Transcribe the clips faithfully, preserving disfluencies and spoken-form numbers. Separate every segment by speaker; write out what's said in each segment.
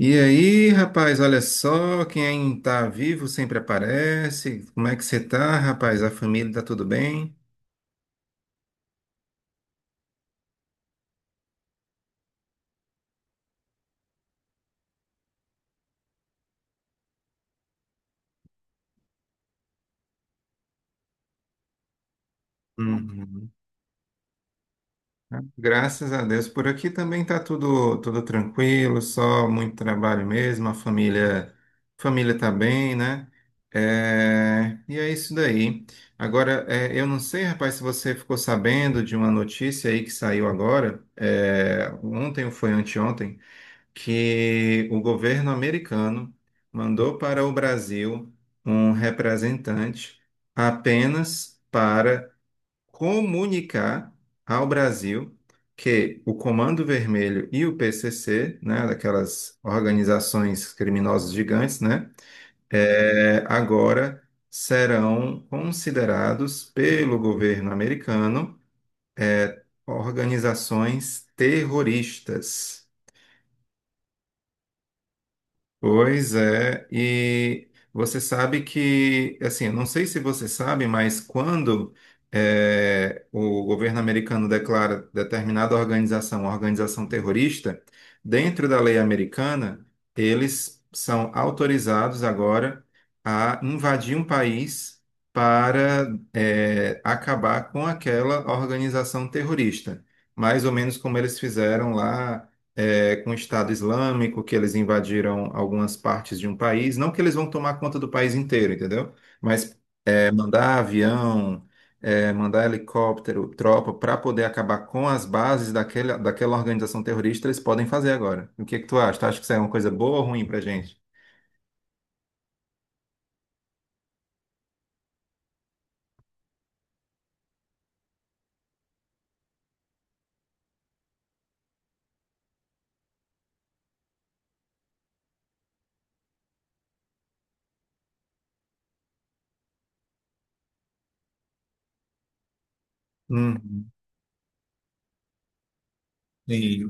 Speaker 1: E aí, rapaz, olha só, quem tá vivo sempre aparece. Como é que você tá, rapaz? A família tá tudo bem? Uhum. Graças a Deus, por aqui também tá tudo tudo tranquilo, só muito trabalho mesmo, a família família tá bem, né? É, e é isso daí. Agora, é, eu não sei, rapaz, se você ficou sabendo de uma notícia aí que saiu agora, é, ontem ou foi anteontem, que o governo americano mandou para o Brasil um representante apenas para comunicar ao Brasil que o Comando Vermelho e o P C C, né, daquelas organizações criminosas gigantes, né, eh, agora serão considerados pelo governo americano organizações terroristas. Pois é, e você sabe que, assim, eu não sei se você sabe, mas quando eh, o governo americano declara determinada organização, uma organização terrorista, dentro da lei americana, eles são autorizados agora a invadir um país para eh, acabar com aquela organização terrorista, mais ou menos como eles fizeram lá é, com o Estado Islâmico, que eles invadiram algumas partes de um país. Não que eles vão tomar conta do país inteiro, entendeu? Mas é, mandar avião, é, mandar helicóptero, tropa, para poder acabar com as bases daquela, daquela organização terrorista, eles podem fazer agora. O que é que tu acha? Tu acha que isso é uma coisa boa ou ruim pra gente? Hum, e-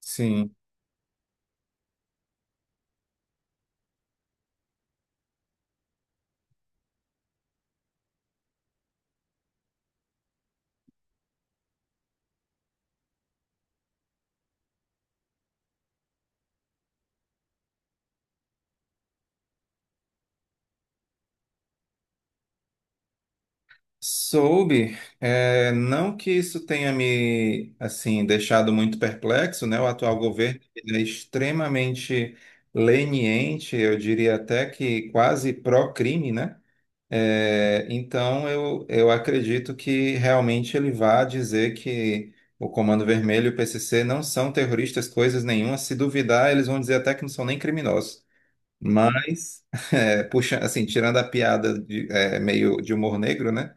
Speaker 1: sim. Soube, é, não que isso tenha me assim deixado muito perplexo, né? O atual governo ele é extremamente leniente, eu diria até que quase pró-crime, né? É, então eu, eu acredito que realmente ele vá dizer que o Comando Vermelho e o P C C não são terroristas, coisas nenhuma. Se duvidar, eles vão dizer até que não são nem criminosos. Mas, é, puxa, assim, tirando a piada de, é, meio de humor negro, né?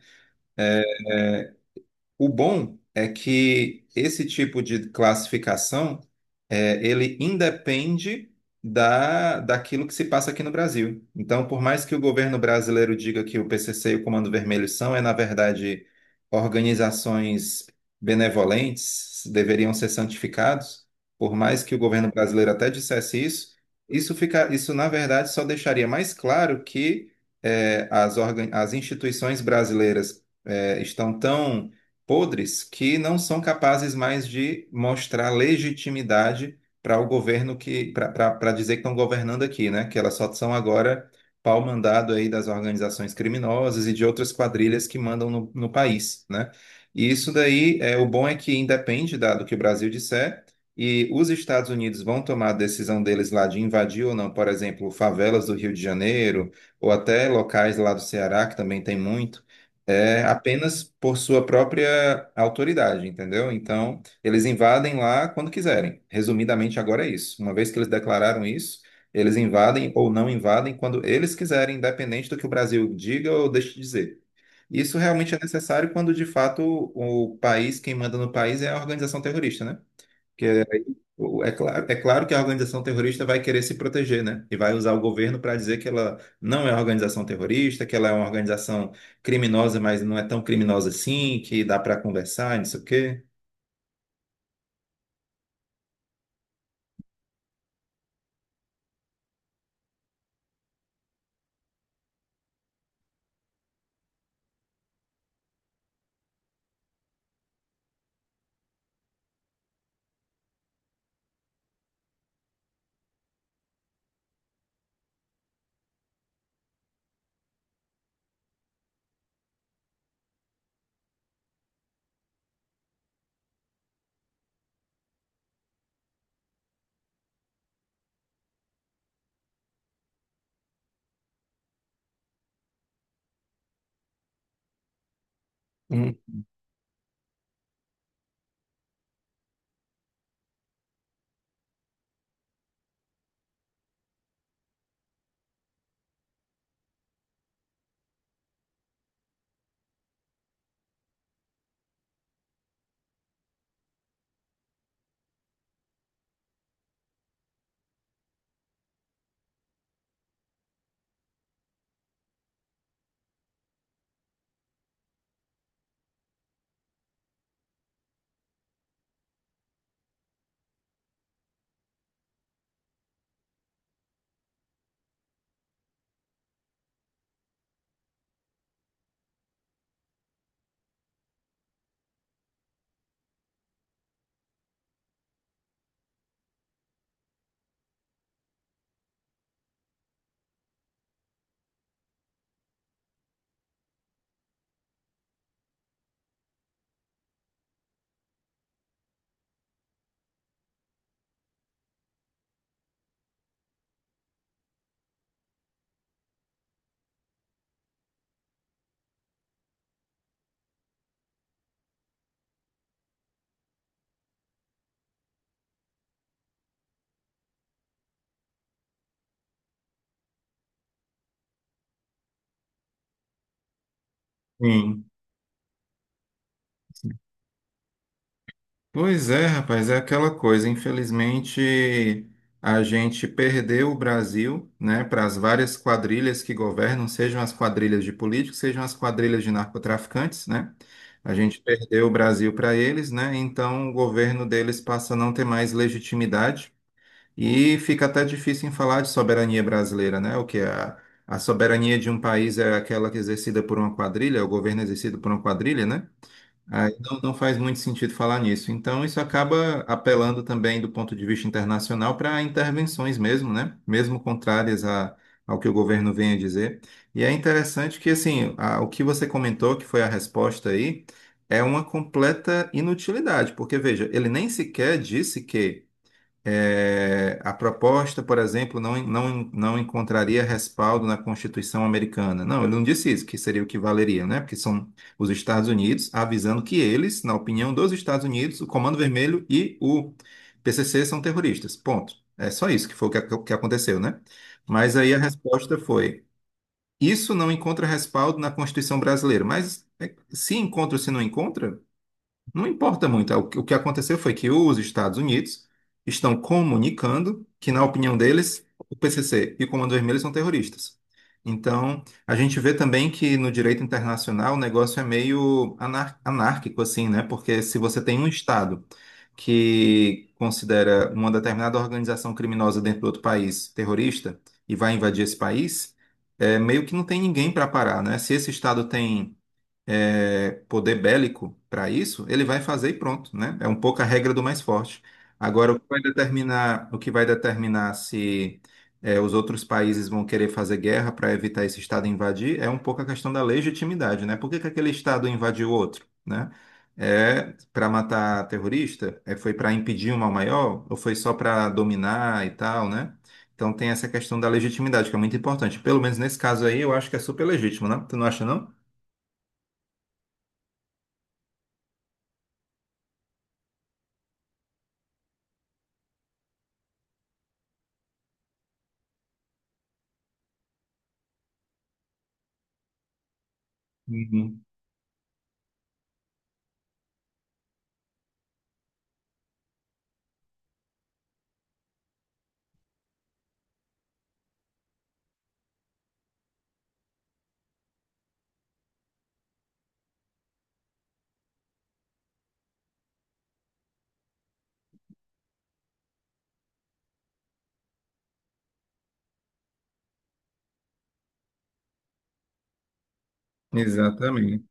Speaker 1: O bom é que esse tipo de classificação, é, ele independe da, daquilo que se passa aqui no Brasil. Então, por mais que o governo brasileiro diga que o P C C e o Comando Vermelho são, é na verdade, organizações benevolentes, deveriam ser santificados, por mais que o governo brasileiro até dissesse isso, isso fica, isso na verdade só deixaria mais claro que é, as, organ- as instituições brasileiras é, estão tão podres que não são capazes mais de mostrar legitimidade para o governo que para dizer que estão governando aqui, né? Que elas só são agora pau mandado aí das organizações criminosas e de outras quadrilhas que mandam no, no país, né? E isso daí é o bom é que independe da- do que o Brasil disser e os Estados Unidos vão tomar a decisão deles lá de invadir ou não, por exemplo, favelas do Rio de Janeiro ou até locais lá do Ceará que também tem muito é apenas por sua própria autoridade, entendeu? Então, eles invadem lá quando quiserem. Resumidamente, agora é isso. Uma vez que eles declararam isso, eles invadem ou não invadem quando eles quiserem, independente do que o Brasil diga ou deixe de dizer. Isso realmente é necessário quando, de fato, o país, quem manda no país é a organização terrorista, né? O- É claro, é claro que a organização terrorista vai querer se proteger, né? E vai usar o governo para dizer que ela não é organização terrorista, que ela é uma organização criminosa, mas não é tão criminosa assim, que dá para conversar, não sei o quê. Hum. Sim. Pois é, rapaz, é aquela coisa. Infelizmente, a gente perdeu o Brasil, né, para as várias quadrilhas que governam, sejam as quadrilhas de políticos, sejam as quadrilhas de narcotraficantes, né? A gente perdeu o Brasil para eles, né? Então o governo deles passa a não ter mais legitimidade e fica até difícil em falar de soberania brasileira, né? O que é a, a soberania de um país é aquela que é exercida por uma quadrilha, é o governo é exercido por uma quadrilha, né? Aí não, não faz muito sentido falar nisso. Então, isso acaba apelando também do ponto de vista internacional para intervenções mesmo, né? Mesmo contrárias a, ao que o governo vem a dizer. E é interessante que, assim, a- o que você comentou, que foi a resposta aí, é uma completa inutilidade, porque, veja, ele nem sequer disse que. É, a proposta, por exemplo, não, não, não encontraria respaldo na Constituição americana. Não, ele não disse isso, que seria o que valeria, né? Porque são os Estados Unidos avisando que eles, na opinião dos Estados Unidos, o Comando Vermelho e o P C C são terroristas. Ponto. É só isso que foi o que, ac- que aconteceu, né? Mas aí a resposta foi: isso não encontra respaldo na Constituição brasileira. Mas é, se encontra ou se não encontra, não importa muito. É, O que o que aconteceu foi que os Estados Unidos estão comunicando que, na opinião deles, o P C C e o Comando Vermelho são terroristas. Então, a gente vê também que no direito internacional o negócio é meio anar- anárquico, assim, né? Porque se você tem um Estado que considera uma determinada organização criminosa dentro do outro país terrorista e vai invadir esse país, é, meio que não tem ninguém para parar, né? Se esse Estado tem é, poder bélico para isso, ele vai fazer e pronto, né? É um pouco a regra do mais forte. Agora, o que vai determinar, o que vai determinar se é, os outros países vão querer fazer guerra para evitar esse Estado invadir é um pouco a questão da legitimidade, né? Por que que aquele Estado invadiu outro, né? É para matar terrorista? É, foi para impedir um mal maior? Ou foi só para dominar e tal, né? Então tem essa questão da legitimidade, que é muito importante. Pelo menos nesse caso aí, eu acho que é super legítimo, né? Tu não acha, não? Uhum. Exatamente.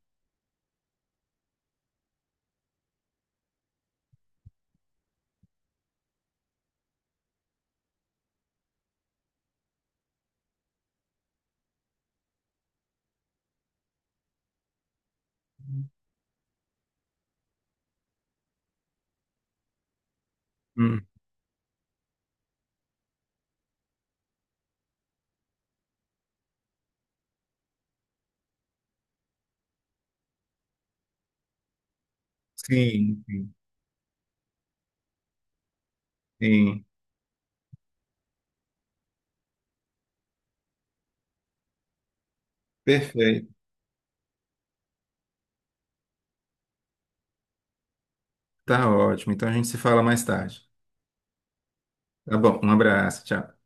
Speaker 1: Hum, Sim, sim, sim. Perfeito. Tá ótimo. Então a gente se fala mais tarde. Tá bom, um abraço, tchau.